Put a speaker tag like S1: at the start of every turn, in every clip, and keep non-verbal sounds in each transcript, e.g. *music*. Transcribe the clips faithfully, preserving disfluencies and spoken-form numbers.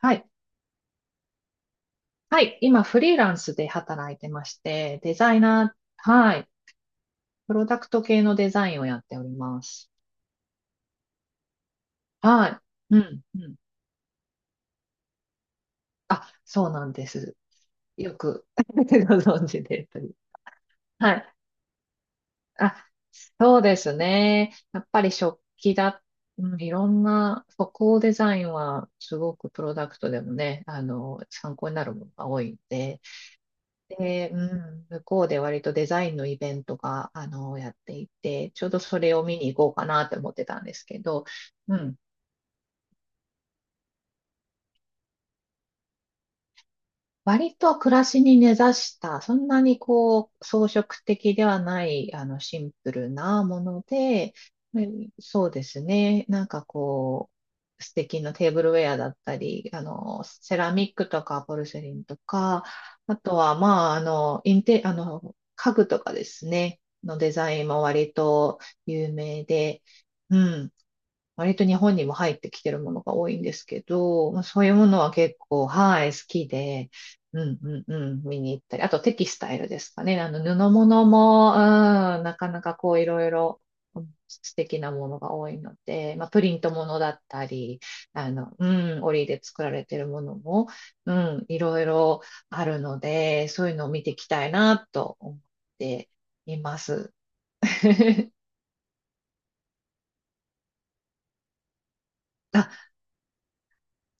S1: はい。はい。今、フリーランスで働いてまして、デザイナー、はい。プロダクト系のデザインをやっております。はい。うん、うん。あ、そうなんです。よく *laughs* ご存知でという。はい。あ、そうですね。やっぱり食器だ、うん、いろんな、歩行デザインは、すごくプロダクトでもね、あの、参考になるものが多いんで、で、うん、向こうで割とデザインのイベントが、あの、やっていて、ちょうどそれを見に行こうかなって思ってたんですけど、うん、割と暮らしに根ざした、そんなにこう、装飾的ではない、あの、シンプルなもので、うんそうですね。なんかこう、素敵なテーブルウェアだったり、あの、セラミックとかポルセリンとか、あとは、まあ、あの、インテ、あの、家具とかですね、のデザインも割と有名で、うん。割と日本にも入ってきてるものが多いんですけど、まあ、そういうものは結構、はい、好きで、うんうんうん、見に行ったり、あとテキスタイルですかね。あの、布物も、うん、なかなかこう、いろいろうん素敵なものが多いので、まあ、プリントものだったり、あの、うん、織で作られてるものも、うん、いろいろあるので、そういうのを見ていきたいなと思っています。*laughs*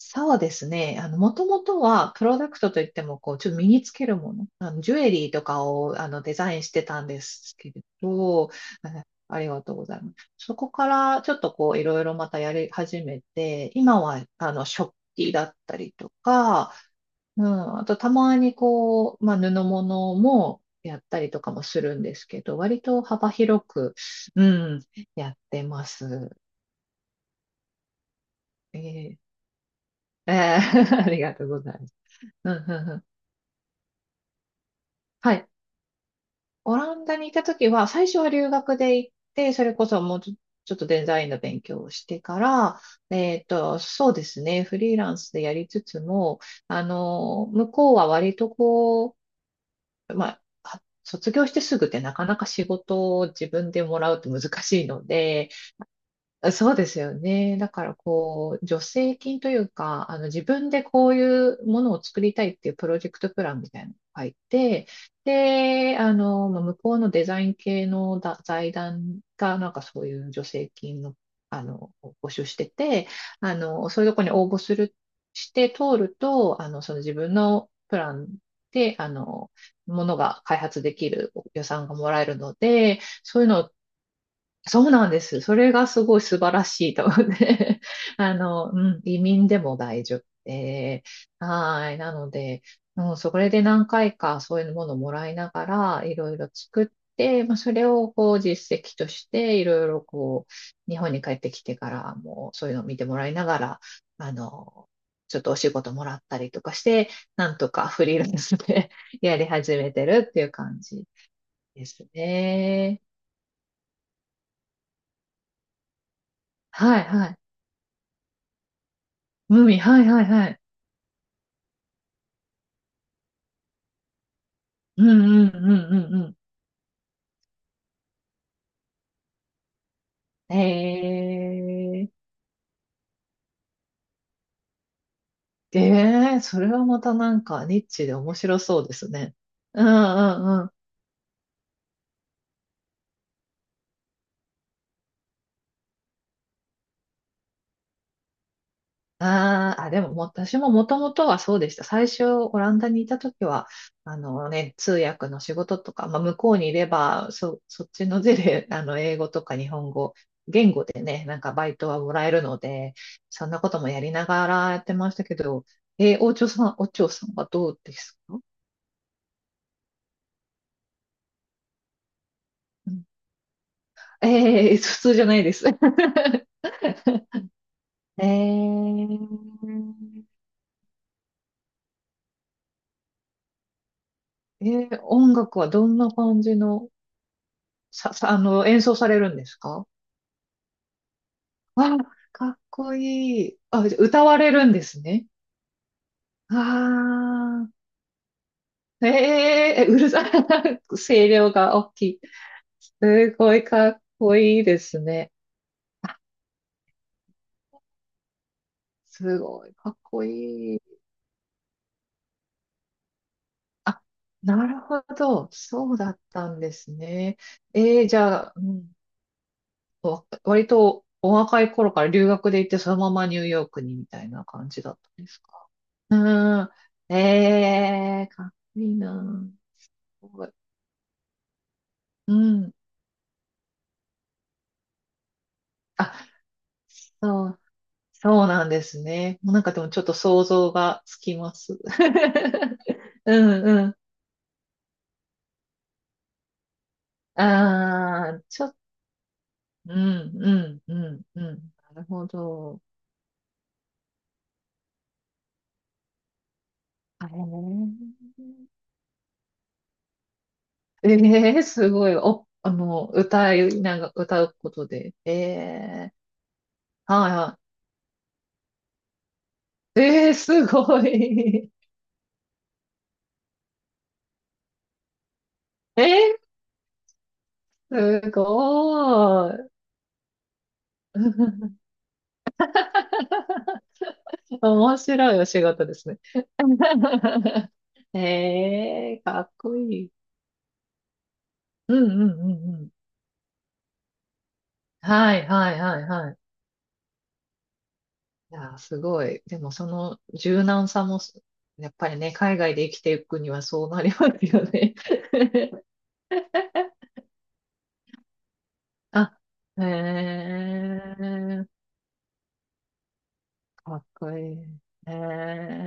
S1: そうですね。あの、もともとは、プロダクトといっても、こう、ちょっと身につけるもの、あの、ジュエリーとかを、あの、デザインしてたんですけれど、あありがとうございます。そこから、ちょっとこう、いろいろまたやり始めて、今は、あの、食器だったりとか、うん、あと、たまにこう、まあ、布物もやったりとかもするんですけど、割と幅広く、うん、やってます。えーえー *laughs* ありがとうございます。うんうんうん、はい。オランダにいた時は、最初は留学で行って、それこそもうちょちょっとデザインの勉強をしてから、えっと、そうですね、フリーランスでやりつつも、あの、向こうは割とこう、まあ、は卒業してすぐってなかなか仕事を自分でもらうと難しいので、そうですよね。だからこう、助成金というか、あの自分でこういうものを作りたいっていうプロジェクトプランみたいなのを入って、で、あの、まあ向こうのデザイン系のだ財団がなんかそういう助成金の、あの、募集してて、あの、そういうとこに応募する、して通ると、あの、その自分のプランで、あの、ものが開発できる予算がもらえるので、そういうのをそうなんです。それがすごい素晴らしいと思って。*laughs* あの、うん、移民でも大丈夫で。はい。なので、うん、それで何回かそういうものをもらいながら、いろいろ作って、まあ、それをこう実績として、いろいろこう、日本に帰ってきてからもそういうのを見てもらいながら、あの、ちょっとお仕事もらったりとかして、なんとかフリーランスで *laughs* やり始めてるっていう感じですね。はい、はい。海、はいはいはい。うんうんうんうんうん。へえ。ええ、それはまたなんかニッチで面白そうですね。うんうんうん。あーあ、でももう私ももともとはそうでした。最初、オランダにいた時は、あのね、通訳の仕事とか、まあ、向こうにいれば、そ、そっちのゼレ、*laughs* あの、英語とか日本語、言語でね、なんかバイトはもらえるので、そんなこともやりながらやってましたけど、えー、お嬢さん、お嬢さんはどうですか？ええ、普通じゃないです。*laughs* えええー音楽はどんな感じの、さ、さ、あの、演奏されるんですか？わあ、かっこいい。あ、じゃあ歌われるんですね。ああ、ええ、うるさい。*laughs* 声量が大きい。すごいかっこいいですね。あ、すごいかっこいい。あ、なるほど。そうだったんですね。ええ、じゃあ、うんわ割とお若い頃から留学で行ってそのままニューヨークにみたいな感じだったんですか？うーん。ええー、かっこいいなぁ。すごい、うん。あ、そう、そうなんですね。もうなんかでもちょっと想像がつきます。*laughs* うんうん。ああ、ちょっと、うんうんうんうん。なるほど。あれね。ええ、すごい。お、あの、歌いなが、歌うことで。ええ、はいはい。ええ、すごい。*laughs* ええ、すごい。*laughs* 面白いお仕事ですね。*laughs* ええ、かっこいい。うんうんうんうん。はいはいはいはい。いやー、すごい。でもその柔軟さもす、やっぱりね、海外で生きていくにはそうなりますよね。*laughs* あ、へえ、かっこいい。へえ、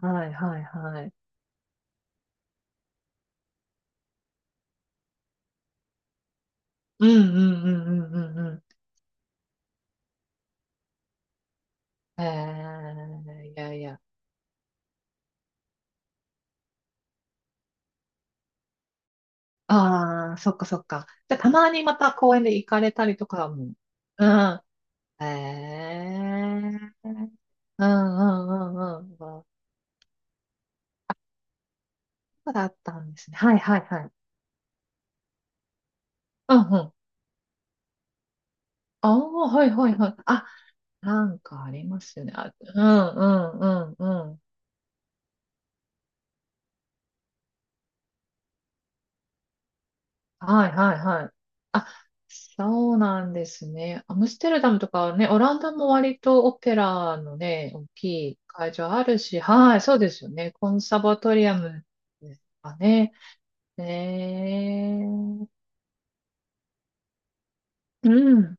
S1: はいはいはい。うんうんうんうんうんうん。へえ、いやいや。ああ、そっかそっか。じゃあ、たまにまた公園で行かれたりとかも。うん。へえ、うんうんうんうん。そうだったんですね。はいはいはい。うんうん。ああ、はいはいはい。あ、なんかありますよね。あ、うんうんうんうん。はいはいはい。あ、そうなんですね。アムステルダムとかはね、オランダも割とオペラのね、大きい会場あるし、はい、そうですよね。コンサバトリアムですかね。ねえ、うん、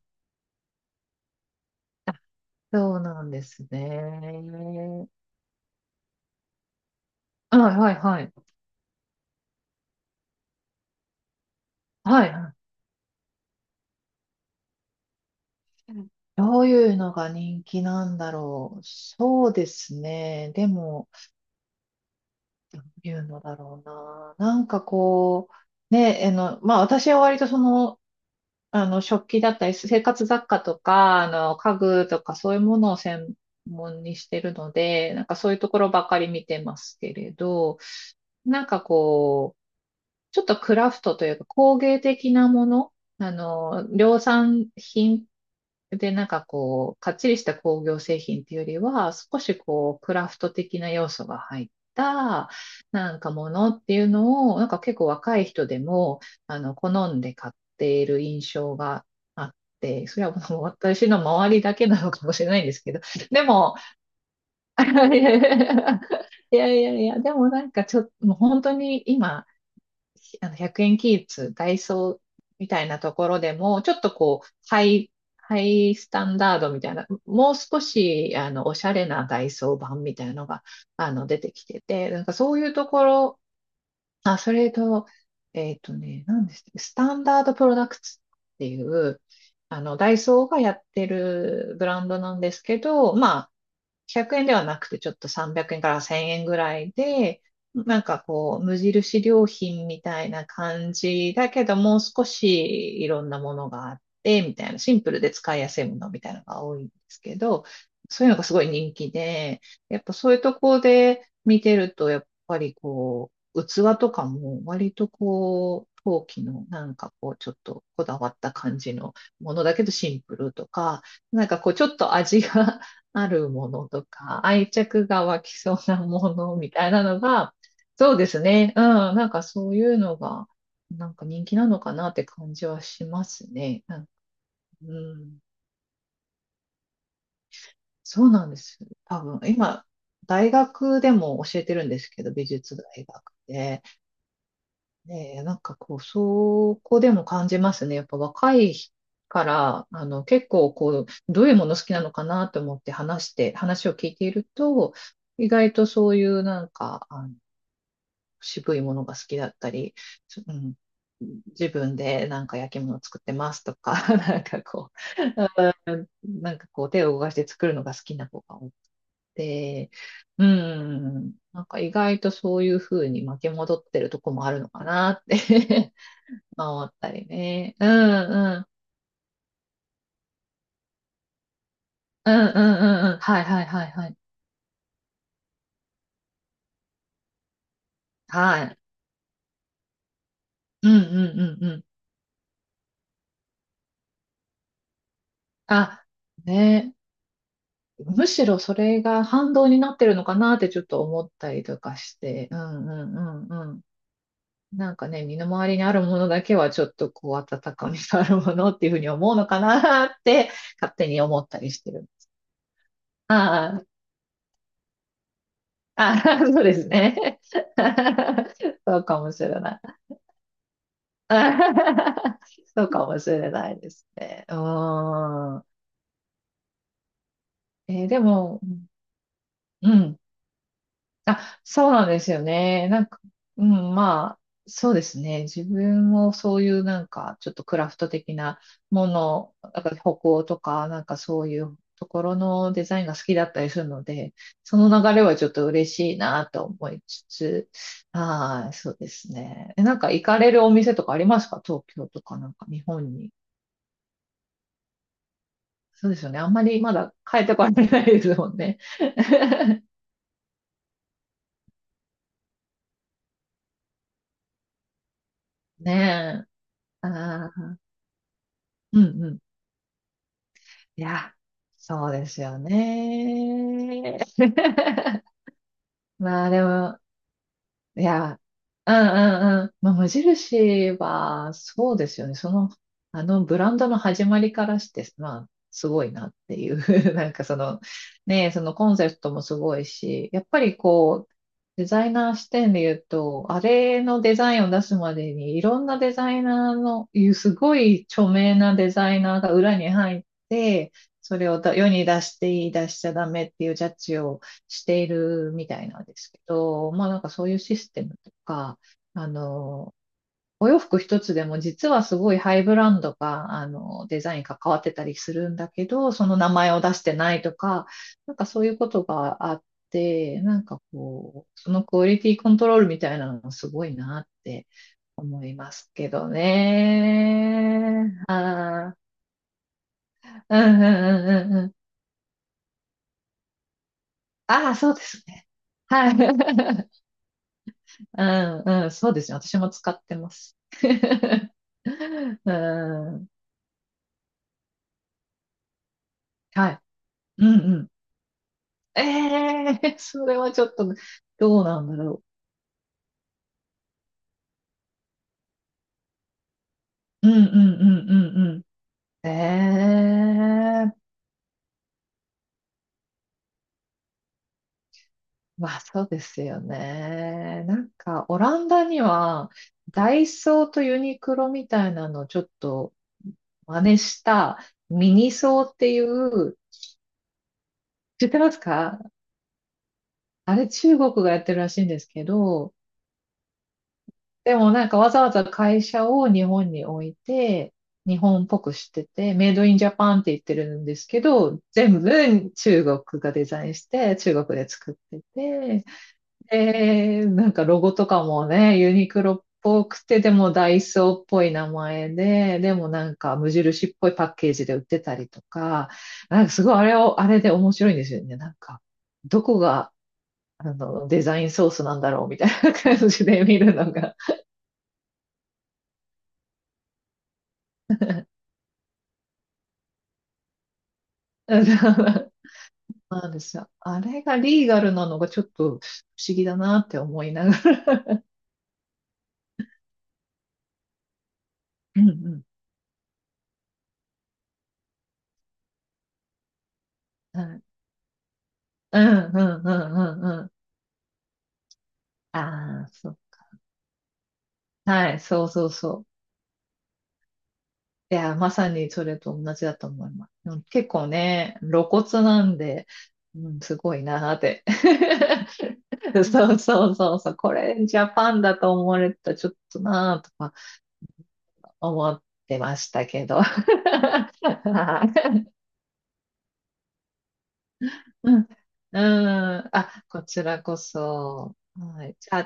S1: そうなんですね。はいはいはい。はいはい。どういうのが人気なんだろう。そうですね。でも、どういうのだろうな。なんかこう、ね、あの、まあ私は割とその、あの、食器だったり、生活雑貨とか、あの、家具とかそういうものを専門にしてるので、なんかそういうところばかり見てますけれど、なんかこう、ちょっとクラフトというか工芸的なもの、あの、量産品でなんかこう、かっちりした工業製品っていうよりは、少しこう、クラフト的な要素が入った、なんかものっていうのを、なんか結構若い人でも、あの、好んで買っている印象があって、それはもう私の周りだけなのかもしれないんですけど、でも、*laughs* いやいやいや、でもなんかちょっと、もう本当に今、あのひゃくえん均一、ダイソーみたいなところでも、ちょっとこう、ハイ、ハイスタンダードみたいな、もう少し、あの、おしゃれなダイソー版みたいなのが、あの、出てきてて、なんかそういうところ、あ、それと、えっとね、何でしたっけスタンダードプロダクツっていう、あの、ダイソーがやってるブランドなんですけど、まあ、ひゃくえんではなくて、ちょっとさんびゃくえんからせんえんぐらいで、なんかこう、無印良品みたいな感じだけど、もう少しいろんなものがあって、みたいな、シンプルで使いやすいものみたいなのが多いんですけど、そういうのがすごい人気で、やっぱそういうとこで見てると、やっぱりこう、器とかも割とこう、陶器のなんかこう、ちょっとこだわった感じのものだけどシンプルとか、なんかこう、ちょっと味があるものとか、愛着が湧きそうなものみたいなのが、そうですね。うん。なんかそういうのが、なんか人気なのかなって感じはしますね。なんかうん。そうなんです。多分、今、大学でも教えてるんですけど、美術大学で。ねえ、なんかこう、そこでも感じますね。やっぱ若いから、あの、結構こう、どういうもの好きなのかなと思って話して、話を聞いていると、意外とそういうなんか、あの、渋いものが好きだったり、そうん、自分でなんか焼き物作ってますとか、*laughs* なんかこう、うんなんかこう手を動かして作るのが好きな子が多くて、うん、なんか意外とそういうふうに負け戻ってるとこもあるのかなって回ったりね。うんうん。うんうんうんうん。はいはいはいはい。はい。うんうんうんうん。あ、ね。むしろそれが反動になってるのかなってちょっと思ったりとかして。うんうんうんうん。なんかね、身の回りにあるものだけはちょっとこう温かみがあるものっていうふうに思うのかなって勝手に思ったりしてる。ああ、ああ、そうですね。*laughs* そうかもしれない。*laughs* そうかもしれないですね。うーん。えーでも、うん。あ、そうなんですよね。なんか、うん、まあ、そうですね。自分もそういうなんか、ちょっとクラフト的なもの、なんか北欧とか、なんかそういうところのデザインが好きだったりするので、その流れはちょっと嬉しいなと思いつつ、はい、そうですね。えなんか行かれるお店とかありますか東京とかなんか日本に。そうですよね。あんまりまだ変えてこられないですもんね。*laughs* ねえ。あーうんうん。いや、そうですよね。*laughs* まあでも、いや、うんうんうん。まあ、無印は、そうですよね。その、あのブランドの始まりからして、まあ、すごいなっていう。*laughs* なんかその、ねえ、そのコンセプトもすごいし、やっぱりこう、デザイナー視点で言うと、あれのデザインを出すまでに、いろんなデザイナーの、いうすごい著名なデザイナーが裏に入って、それをだ世に出していい、出しちゃダメっていうジャッジを、しているみたいなんですけど、まあなんかそういうシステムとか、あの、お洋服一つでも実はすごいハイブランドが、あの、デザイン関わってたりするんだけど、その名前を出してないとか、なんかそういうことがあって、なんかこう、そのクオリティコントロールみたいなのもすごいなって思いますけどね。ああ、うんうんうんうんうん。ああ、そうですね。はい。*laughs* うん、うん、そうですね。私も使ってます。*laughs* うん、はい。うん、うん。ええそれはちょっと、どうなんだろう。うん、うん、うん、うん、うん。ええまあそうですよね。なんか、オランダには、ダイソーとユニクロみたいなのをちょっと真似したミニソーっていう、知ってますかあれ中国がやってるらしいんですけど、でもなんかわざわざ会社を日本に置いて、日本っぽくしてて、メイドインジャパンって言ってるんですけど、全部中国がデザインして、中国で作ってて、で、なんかロゴとかもね、ユニクロっぽくて、でもダイソーっぽい名前で、でもなんか無印っぽいパッケージで売ってたりとか、なんかすごいあれを、あれで面白いんですよね。なんか、どこが、あの、デザインソースなんだろうみたいな感じで見るのが。*laughs* そうなんですよ。あれがリーガルなのがちょっと不思議だなって思いながら。うんうん。はい。うんうんうんうんうん。ああ、そう。はい、そうそうそう。いや、まさにそれと同じだと思います。うん結構ね、露骨なんで、うん、すごいなーって。*laughs* そうそうそうそう。これジャパンだと思われたらちょっとなーとか思ってましたけど。*laughs* はいうん。うん。あ、こちらこそ。はい。じゃあ、